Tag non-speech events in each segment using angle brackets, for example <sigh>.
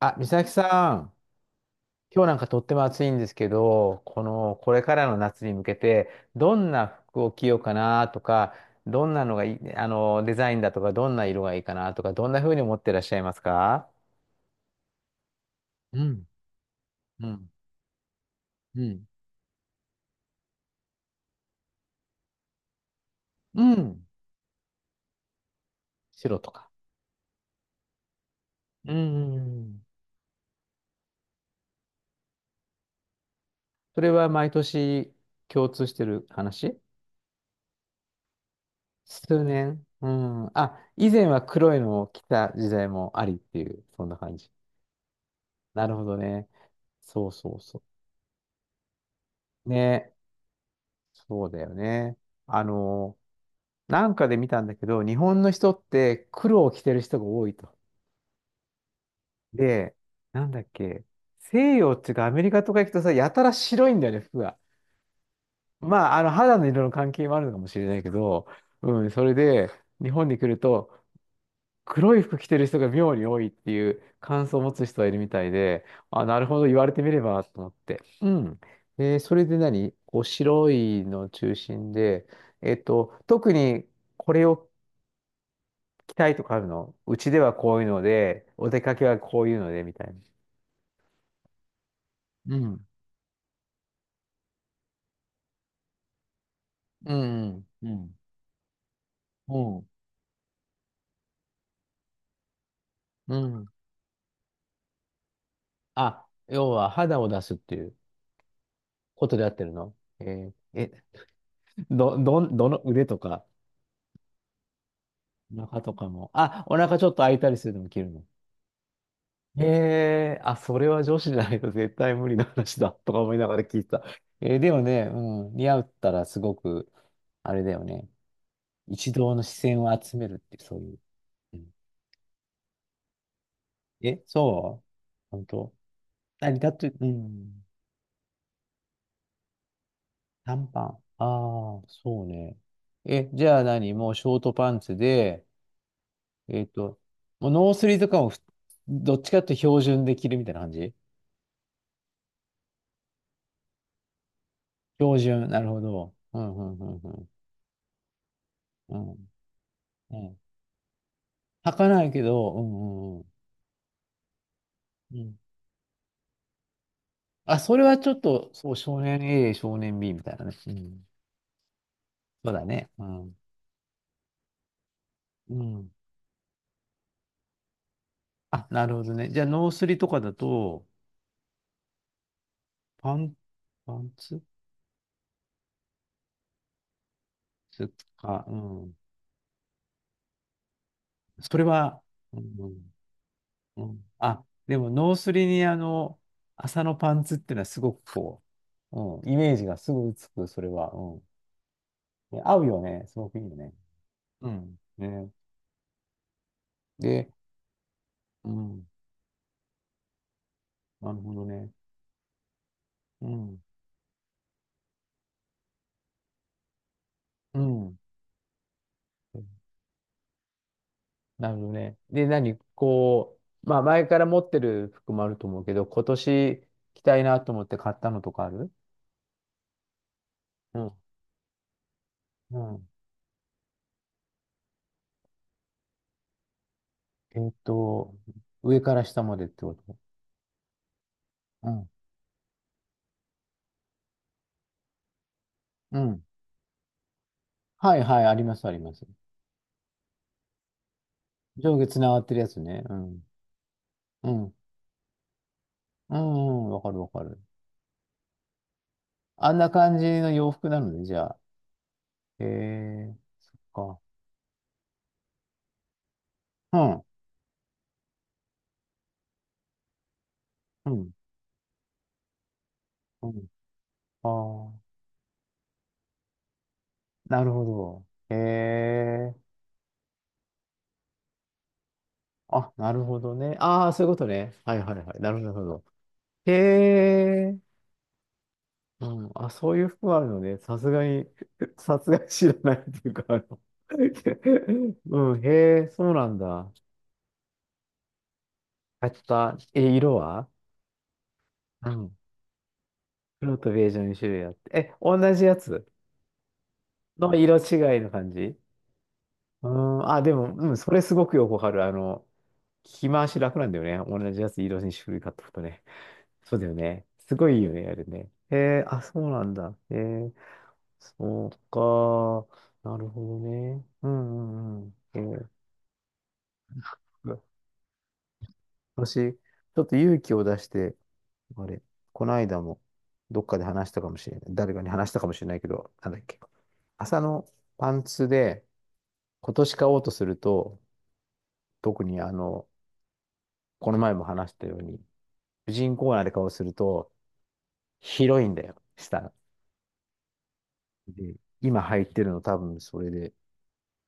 あ、美咲さん、今日なんかとっても暑いんですけど、この、これからの夏に向けて、どんな服を着ようかなとか、どんなのがいい、デザインだとか、どんな色がいいかなとか、どんな風に思ってらっしゃいますか？うん、うん、うん、うん、白とか。うん、うんうん。それは毎年共通してる話？数年。うん。あ、以前は黒いのを着た時代もありっていう、そんな感じ。なるほどね。そうそうそう。ね、そうだよね。あの、なんかで見たんだけど、日本の人って黒を着てる人が多いと。で、なんだっけ、西洋っていうかアメリカとか行くとさ、やたら白いんだよね、服が。まあ、肌の色の関係もあるのかもしれないけど、うん、それで、日本に来ると、黒い服着てる人が妙に多いっていう感想を持つ人がいるみたいで、あ、なるほど、言われてみればと思って。うん。で、それで何こう白いの中心で、特にこれを着たいとかあるの？うちではこういうので、お出かけはこういうので、みたいな。うん。うん。うん。うん。うんうん。あ、要は肌を出すっていうことでやってるの？えーえ、どの腕とか、お腹とかも。あ、お腹ちょっと開いたりするのも着るの？ええ、あ、それは女子じゃないと絶対無理な話だとか思いながら聞いてた。えーでもね、うん、似合ったらすごく、あれだよね。一同の視線を集めるって、そういう。うん。え、そう？本当？何だって、うん、短パン。ああ、そうね。え、じゃあ何もうショートパンツで、えっと、もうノースリーとかもふ、どっちかっていうと標準で着るみたいな感じ？標準、なるほど。うん、うん、うん、うん。うんうん。履かないけど、うんうんうん。あ、それはちょっと、そう、少年 A、少年 B みたいなね。うん。そうだね。うん。うん。あ、なるほどね。じゃあ、ノースリとかだと、パン、パンツつか、うん。それは、うん、うん。あ、でも、ノースリに、麻のパンツっていうのは、すごくこう、うん、イメージがすぐつく、それは。うん。で合うよね。すごくいいよね。うん。ね。で、うん。なるほどね。うん。うん。うん。なるほどね。で、何こう、まあ前から持ってる服もあると思うけど、今年着たいなと思って買ったのとかある？うん。うん。えーっと、上から下までってこと？うん。うん。はいはい、あります、あります。上下つながってるやつね。うん。うん。うん、うん、わかるわかる。あんな感じの洋服なのね、じゃあ。へえー、か。うん。うん。うん。ああ、なるほど。へえー。あ、なるほどね。ああ、そういうことね。はいはいはい。なるほど、なるほど。へえ。うん。あ、そういう服あるのね。さすがに、<laughs> さすがに知らないっていうか、あの <laughs> うん、へえ、そうなんだ。買った。え、色は？うん。黒とベージュの2種類あって。え、同じやつの色違いの感じ？うん。あ、でも、うん、それすごくよくわかる。着回し楽なんだよね。同じやつ色に種類買っとくとね。そうだよね。すごいいいよね、あれね。へえ、あ、そうなんだ。へえ。そうか。なるほどね。うんうんうん。そう、私、ちょっと勇気を出して、あれ、この間もどっかで話したかもしれない。誰かに話したかもしれないけど、なんだっけ。朝のパンツで今年買おうとすると、特にこの前も話したように、婦人コーナーで買おうとすると、広いんだよ、下。で、今入ってるの多分それで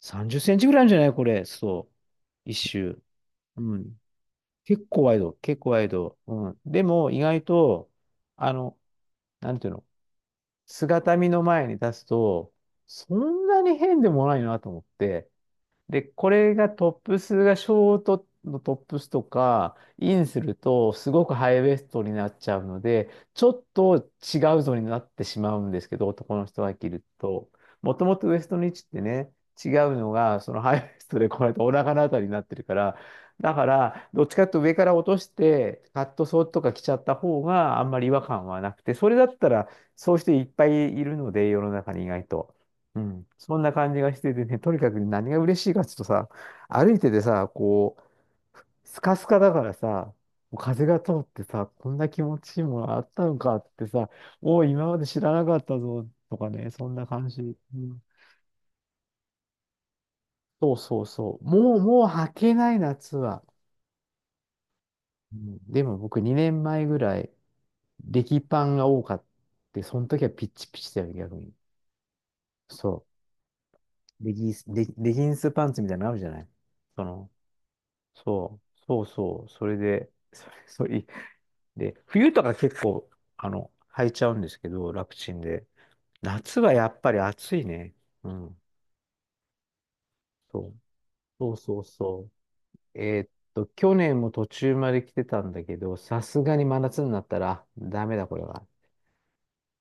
30センチぐらいあるんじゃないこれ。そう。一周。うん。結構ワイド、結構ワイド。うん。でも、意外と、あの、なんていうの、姿見の前に立つと、そんなに変でもないなと思って、で、これがトップスがショートのトップスとか、インするとすごくハイウエストになっちゃうので、ちょっと違うぞになってしまうんですけど、男の人が着ると。もともとウエストの位置ってね、違うのが、そのハイウエストでこうやってお腹のあたりになってるから、だから、どっちかっていうと上から落として、カットソーとか着ちゃった方があんまり違和感はなくて、それだったら、そういう人いっぱいいるので、世の中に意外と。うん、そんな感じがしててね、とにかく何が嬉しいかっていうとさ、歩いててさ、こう、スカスカだからさ、風が通ってさ、こんな気持ちいいものあったのかってさ、おお、今まで知らなかったぞとかね、そんな感じ。うん。そうそうそう。もう、もう履けない夏は。うん、でも僕2年前ぐらい、レギパンが多かった。その時はピッチピチだよ、逆に。そう。レギンスパンツみたいなのあるじゃない？その、そう、そうそう、それで、<laughs> それ、<laughs> そうい、で、冬とか結構、履いちゃうんですけど、楽ちんで。夏はやっぱり暑いね。うん。そう、そうそうそう。えーっと、去年も途中まで来てたんだけど、さすがに真夏になったら、ダメだ、これは。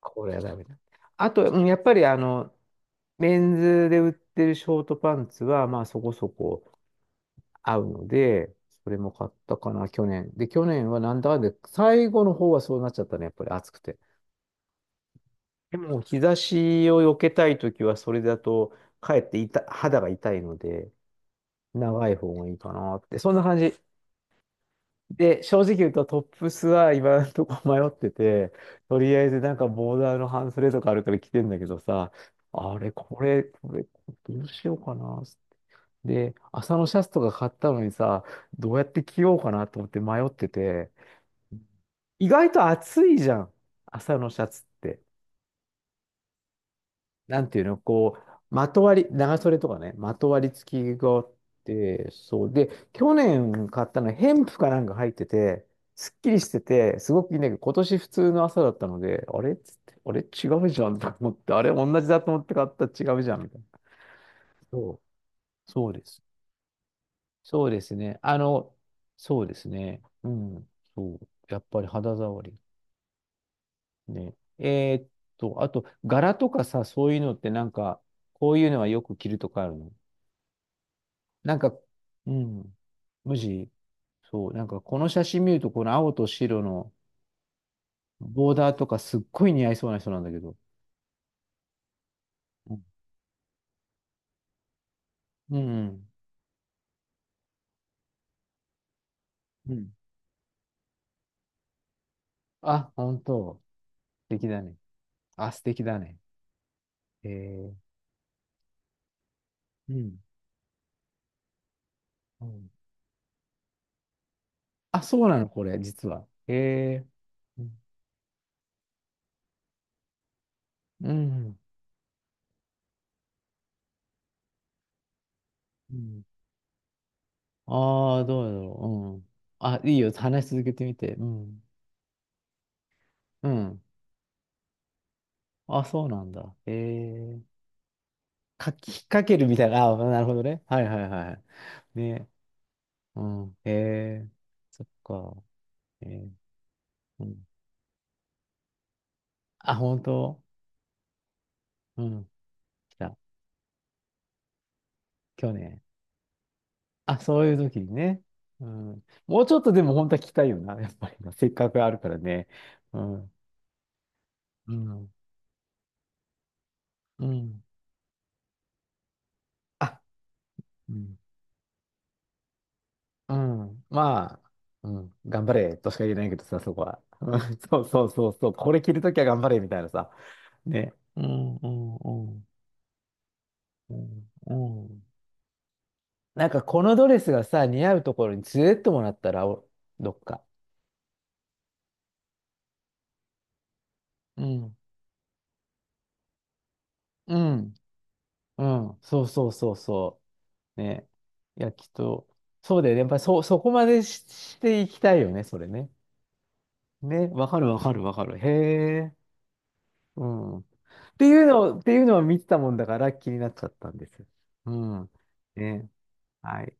これはダメだ。あと、うんやっぱり、メンズで売ってるショートパンツは、まあそこそこ、合うので、それも買ったかな、去年。で、去年はなんだかんで、最後の方はそうなっちゃったね、やっぱり暑くて。でも、日差しを避けたいときは、それだと、かえって痛肌が痛いので、長い方がいいかなって、そんな感じ。で、正直言うと、トップスは今のとこ迷ってて、とりあえずなんかボーダーの半スレとかあるから着てんだけどさ、あれ、これ、これ、どうしようかな。で、朝のシャツとか買ったのにさ、どうやって着ようかなと思って迷ってて、意外と暑いじゃん。朝のシャツって。なんていうの、こう、まとわり、長袖とかね、まとわり付きがあって、そう。で、去年買ったのは、ヘンプかなんか入ってて、すっきりしてて、すごくいいんだけど、今年普通の朝だったので、あれっつって、あれ違うじゃんと思って、あれ同じだと思って買ったら違うじゃんみたいな。そう、そうです。そうですね。そうですね。うん、そう。やっぱり肌触り。ね。えーっと、あと、柄とかさ、そういうのってなんか、こういうのはよく着るとかあるの？なんか、うん、無地？そう、なんかこの写真見ると、この青と白のボーダーとかすっごい似合いそうな人なんだけど。うん、うん、うん。あ、本当。素敵だね。あ、素敵だね。えー、うん。うん。あ、そうなの、これ、実は。えー、うん。うん。ああー、どうだろう。うん。あ、いいよ。話し続けてみて。うん。うん。あ、そうなんだ。ええ、引っ掛けるみたいな。あ、なるほどね。はいはいはい。ね。うん。ええ、そっか。ええ、うん。あ、本当？うん。来た。去年。あ、そういう時にね。うん。もうちょっとでも本当は聞きたいよな。<laughs> やっぱりな。せっかくあるからね。うん。うん。うん。あ、うん。うん。まあ、うん。頑張れとしか言えないけどさ、そこは。うん <laughs> そうそうそうそう。これ着るときは頑張れみたいなさ。ね。うんうんうんうんうん。なんかこのドレスがさ、似合うところに連れてってもらったら、お、どっか。うんうんうん、そうそうそうそう。ね。いや、きっと、そうだよね。やっぱりそこまでしていきたいよね、それね。ね、わかるわかるわかる。へえ。うん。っていうのを、っていうのは見てたもんだから気になっちゃったんです。うん。ね。はい。